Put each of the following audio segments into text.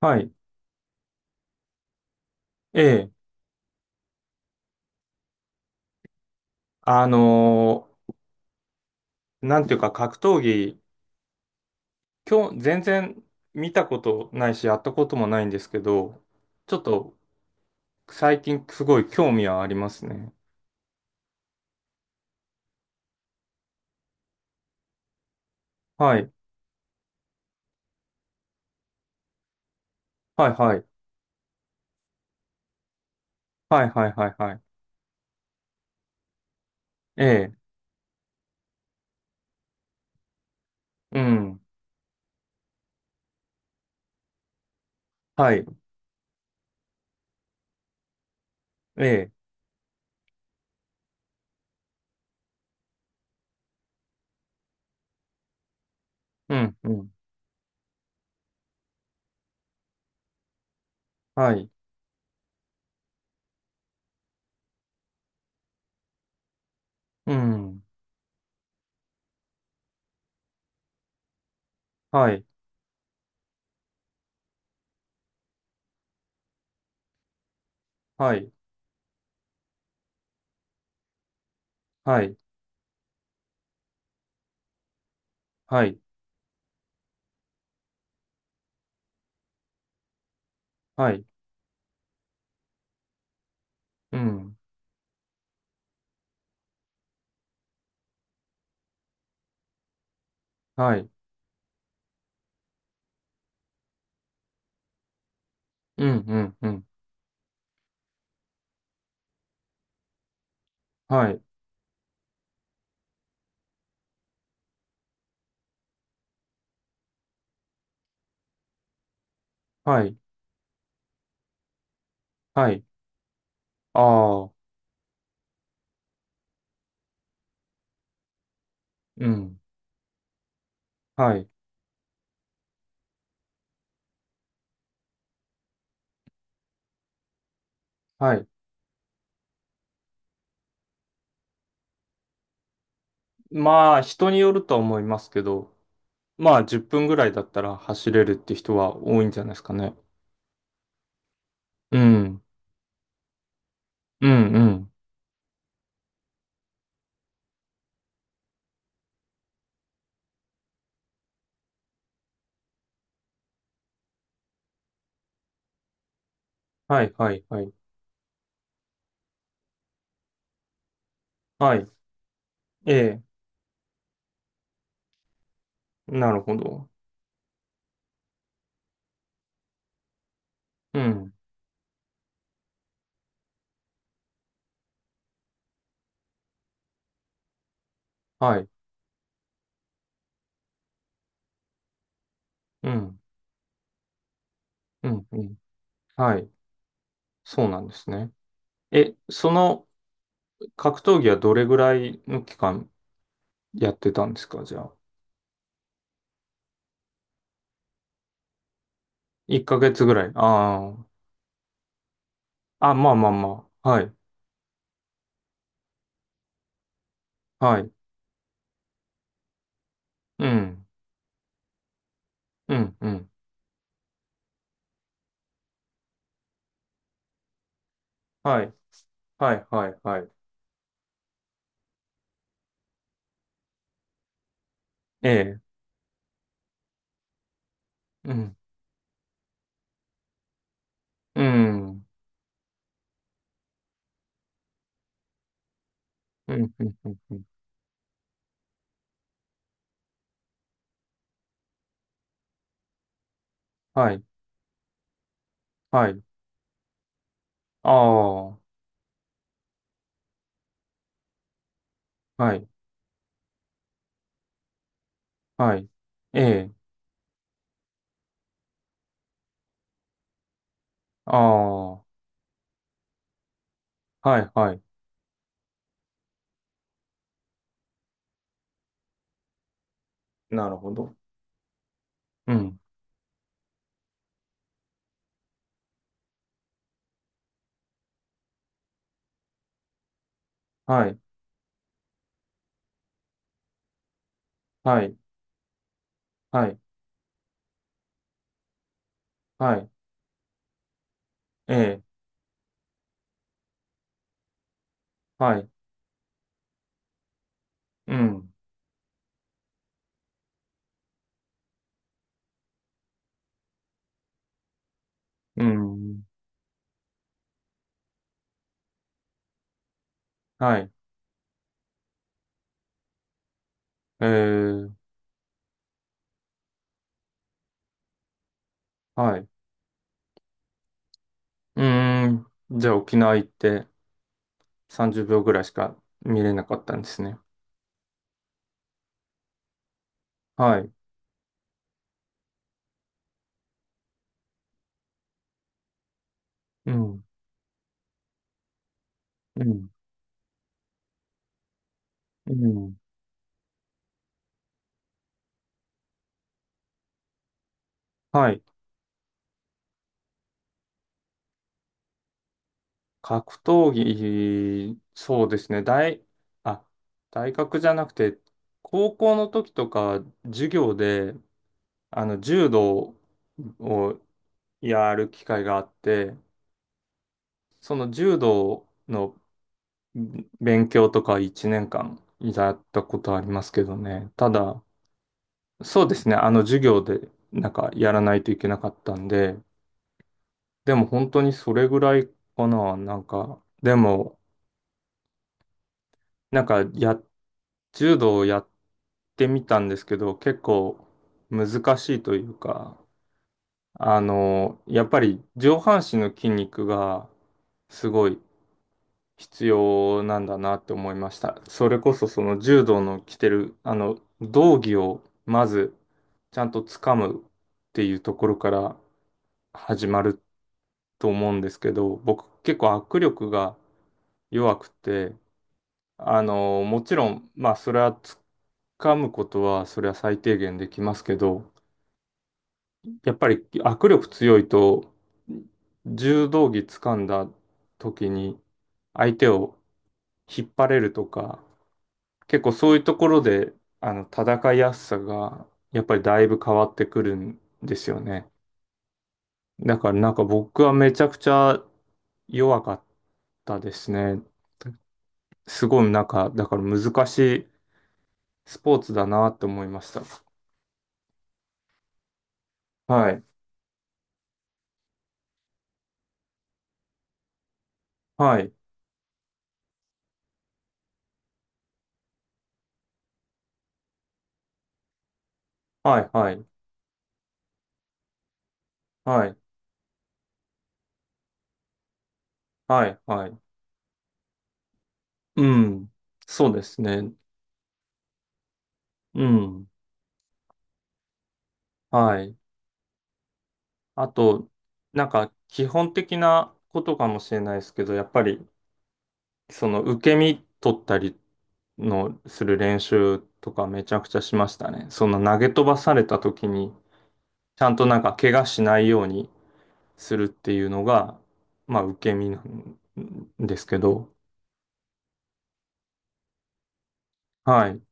はい。ええ。あのなんていうか格闘技、今日全然見たことないし、やったこともないんですけど、ちょっと最近すごい興味はありますね。はい。はいはい。はいはいはいはい。ええ。うん。はい。ええ。うん。うん。はい。うん。はい。はい。はい。はい。はい。うん。はい。うん。うん。うん。はい。はい。はい。ああ。うん。はい。はい。まあ、人によるとは思いますけど、まあ、10分ぐらいだったら走れるって人は多いんじゃないですかね。うん。うん、うん。はい、はい、はい。はい。ええ、なるほど。うん。はい。うん。うん、うん。はい。そうなんですね。え、その格闘技はどれぐらいの期間やってたんですかじゃあ。1ヶ月ぐらい。ああ。あ、まあまあまあ。はい。はい。うん。うん、うん。はい。はい、はい、はい。ええ。うん。うん。うん、うん、うん、うん。はい、はい。ああ、はい、はい。ええ、ああ、はい、はい。なるほど。うん、はい、はい、はい、はい。ええ、はい、うん、うん、はい。ええ、はい。うーん。じゃあ沖縄行って30秒ぐらいしか見れなかったんですね。はい。うん、うん、うん。はい。格闘技、そうですね。あ、大学じゃなくて、高校の時とか、授業で、あの、柔道をやる機会があって、その柔道の勉強とか1年間やったことありますけどね。ただ、そうですね。あの、授業で、なんか、やらないといけなかったんで、でも本当にそれぐらいかな。なんか、でも、なんか、柔道をやってみたんですけど、結構難しいというか、あの、やっぱり上半身の筋肉がすごい必要なんだなって思いました。それこそその柔道の着てる、あの、道着をまずちゃんと掴むっていうところから始まると思うんですけど、僕結構握力が弱くて、あの、もちろん、まあそれは掴むことはそれは最低限できますけど、やっぱり握力強いと、柔道着掴んだ時に相手を引っ張れるとか、結構そういうところで、あの、戦いやすさが、やっぱりだいぶ変わってくるんですよね。だからなんか僕はめちゃくちゃ弱かったですね。すごいなんか、だから難しいスポーツだなって思いました。はい。はい。はい。はい。はい。はい。はい。うん。そうですね。うん。はい。あと、なんか、基本的なことかもしれないですけど、やっぱり、その、受け身取ったりの、する練習とかめちゃくちゃしましたね。その、投げ飛ばされた時に、ちゃんとなんか、怪我しないようにするっていうのが、まあ、受け身なんですけど、はい。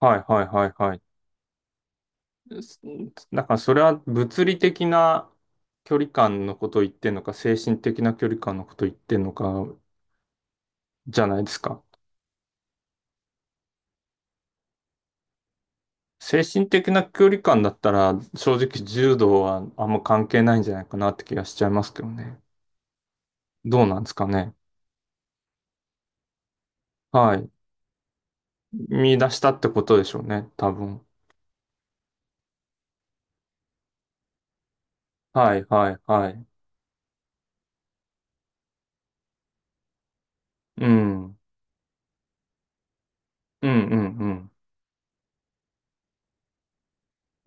はい、はい、はい、はい。すだから、それは物理的な距離感のことを言ってんのか、精神的な距離感のことを言ってんのか、じゃないですか。精神的な距離感だったら、正直柔道はあんま関係ないんじゃないかなって気がしちゃいますけどね。どうなんですかね。はい。見出したってことでしょうね、多分。はい、はい、はい。うん。うん、うん、うん。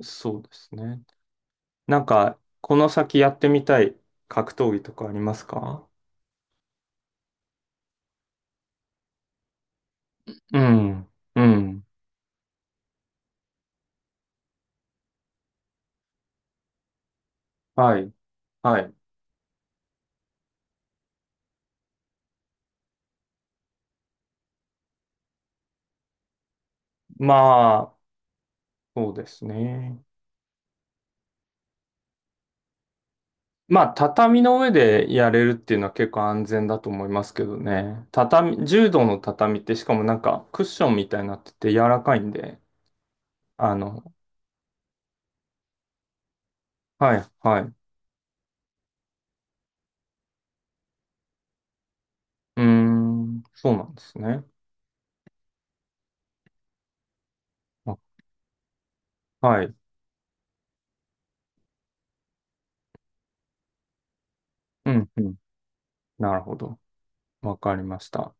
そうですね。なんか、この先やってみたい格闘技とかありますか？うん、うん。はい、はい。まあ、そうですね。まあ、畳の上でやれるっていうのは結構安全だと思いますけどね。畳、柔道の畳ってしかもなんかクッションみたいになってて柔らかいんで、あの、はい、はい。うーん、そうなんですね。あ、はい。うん、うん。なるほど。わかりました。